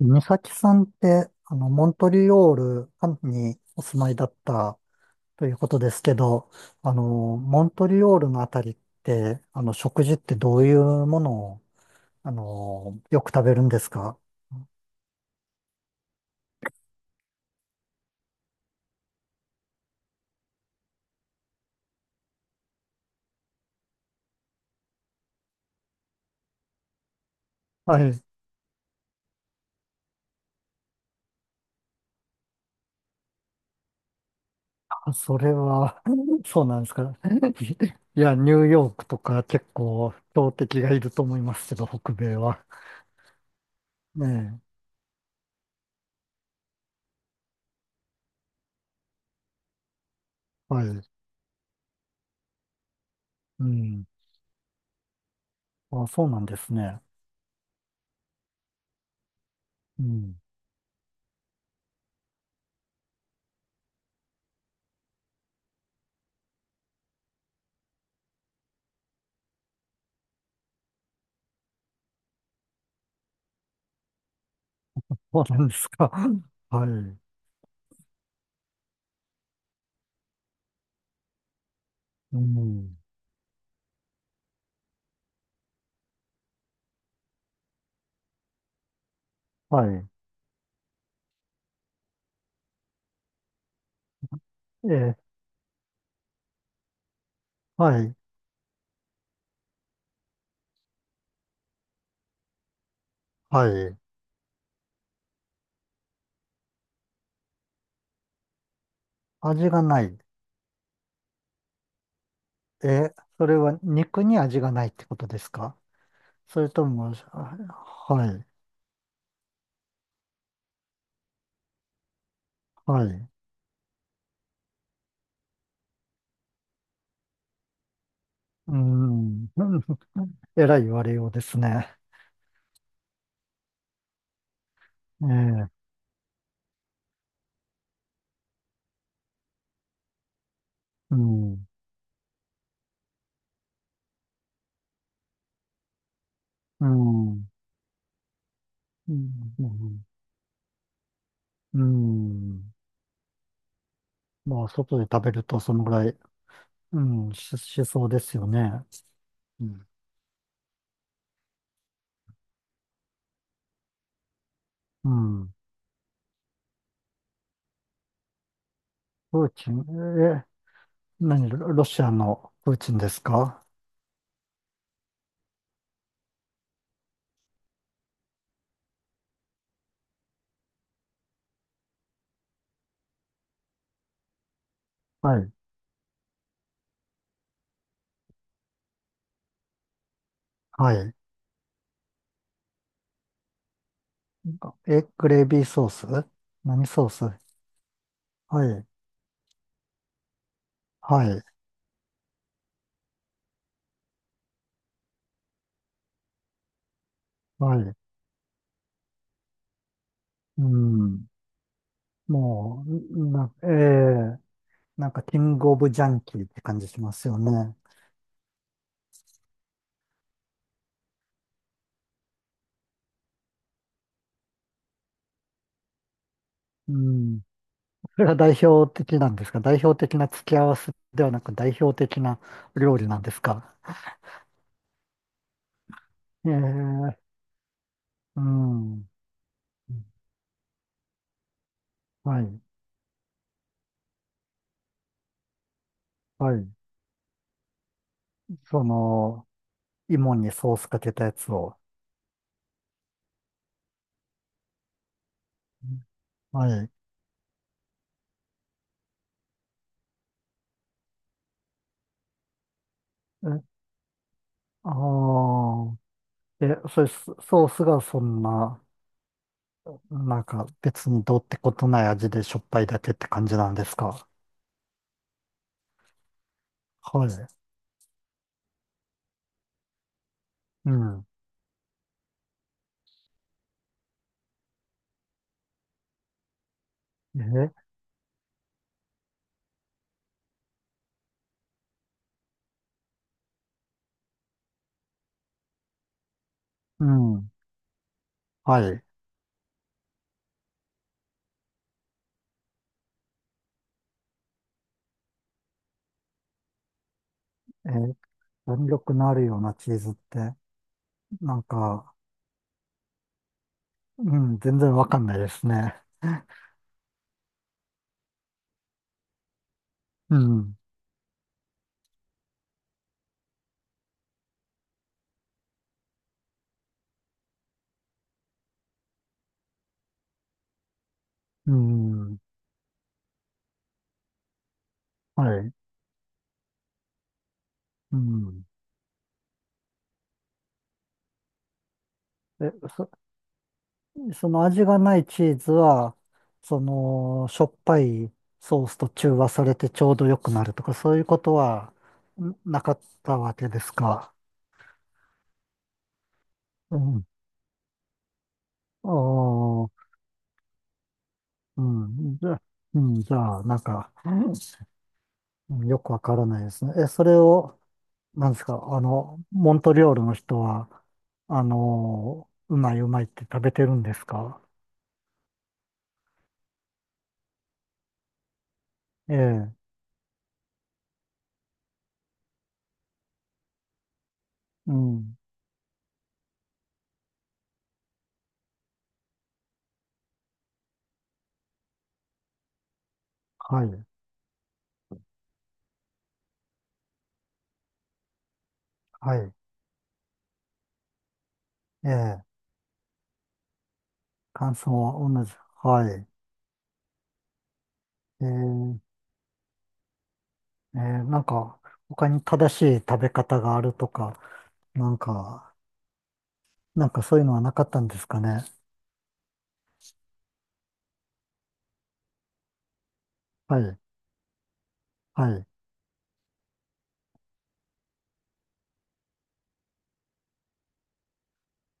美咲さんって、モントリオールにお住まいだったということですけど、モントリオールのあたりって、食事ってどういうものを、よく食べるんですか？はい。あ、それは、そうなんですか。いや、ニューヨークとか結構強敵がいると思いますけど、北米は。ねえ。はい。うん。あ、そうなんですね。うん。そうなんですか。はい。うん。はい。ええ、はい、はい。味がない。え、それは肉に味がないってことですか？それとも、あ、はい、はい。うん。えらい言われようですね。ええ、うん、うん、うん、うん。うん、まあ、外で食べるとそのぐらい、うん、しそうですよね。うん、うん。プーチン、え、何、ロロシアのプーチンですか？はい、はい。か。え、グレービーソース？何ソース？はい、はい、はい。うん。もう、ええ、なんかキングオブジャンキーって感じしますよね。うん。それが代表的なんですか？代表的な付き合わせではなく代表的な料理なんですか？ええ。うん。はい、はい。その、芋にソースかけたやつを。はい。え、ああ、え、それ、ソースがそんな、なんか別にどうってことない味でしょっぱいだけって感じなんですか。はい。うん。え、うん。はい。え、弾力のあるようなチーズって、なんか、うん、全然わかんないですね。うん。うん。はい。うん。え、その味がないチーズは、その、しょっぱいソースと中和されてちょうど良くなるとか、そういうことはんなかったわけですか。うん。ああ。うん。じゃあ、うん、じゃあ、なんか、うん、よくわからないですね。え、それを、なんですか、モントリオールの人は、うまいうまいって食べてるんですか？ええ、うん、はい、はい、ええ、感想は同じ。はい。ええ、ええ、なんか、他に正しい食べ方があるとか、なんか、なんかそういうのはなかったんですかね。はい、はい。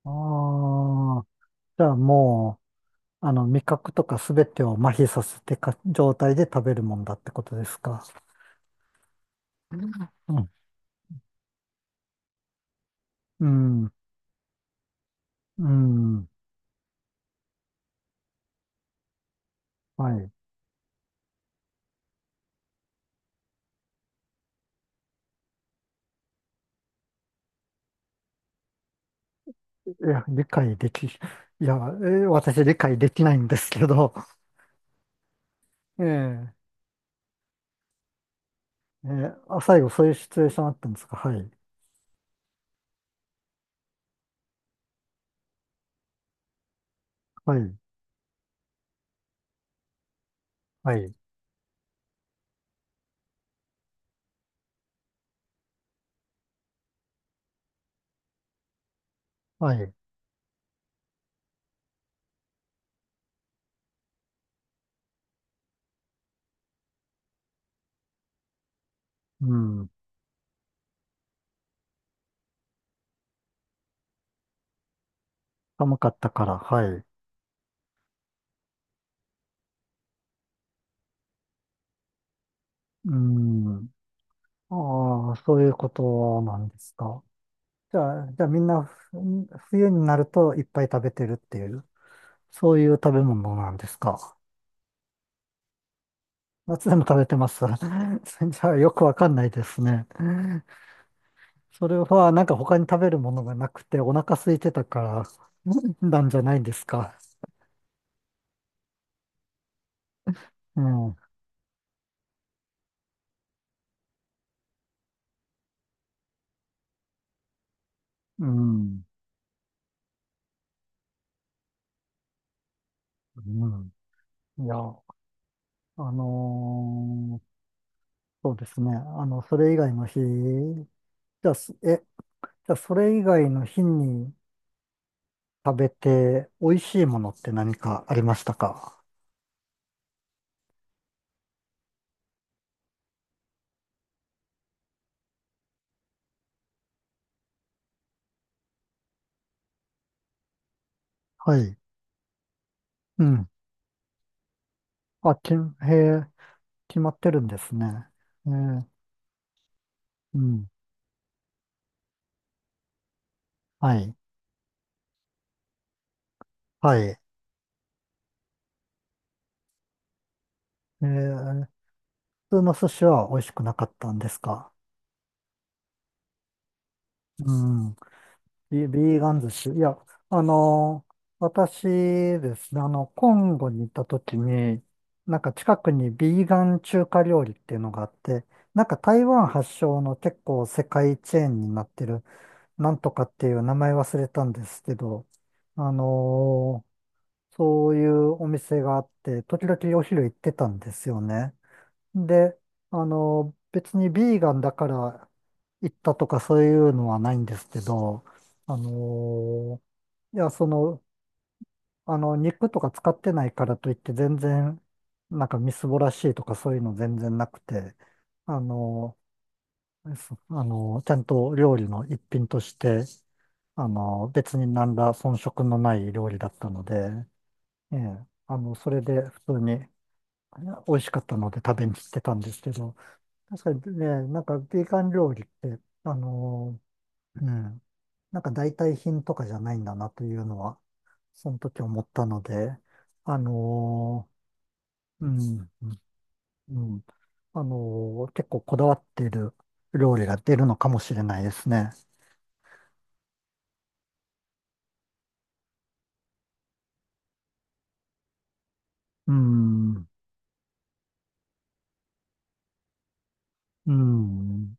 ああ、じゃあもう、味覚とかすべてを麻痺させてか、状態で食べるもんだってことですか。うん、うん、うん。はい。いや、理解でき、いや、私理解できないんですけど、ええええあ、最後そういうシチュエーションあったんですか。はい、はい、はい、はい。うん、寒かったから、はい。うん、ああ、そういうことなんですか。じゃあ、みんな冬になるといっぱい食べてるっていう。そういう食べ物なんですか。夏でも食べてます。じゃあよくわかんないですね。それはなんか他に食べるものがなくてお腹空いてたから なんじゃないんですか。うん、うん、うん。いや、のーそうですね。それ以外の日、ゃあ、すえ、じゃあそれ以外の日に食べて美味しいものって何かありましたか？はい。うん。あ、へえ。決まってるんですね。えー、うん。はい。はい。ー、普通の寿司は美味しくなかったんですか？うん。ビーガン寿司。いや、私ですね、コンゴに行った時に、なんか近くにビーガン中華料理っていうのがあって、なんか台湾発祥の結構世界チェーンになってる、なんとかっていう名前忘れたんですけど、あのーそういうお店があって、時々お昼行ってたんですよね。で、別にビーガンだから行ったとかそういうのはないんですけど、あの、いや、肉とか使ってないからといって全然、なんかみすぼらしいとかそういうの全然なくて、あの、そあの、ちゃんと料理の一品として、別に何ら遜色のない料理だったので、ええ、それで普通に美味しかったので食べに行ってたんですけど、確かにね、なんかビーガン料理って、うん、なんか代替品とかじゃないんだなというのは、その時思ったので、あの、うん、うん、結構こだわっている料理が出るのかもしれないですね。うん、うん。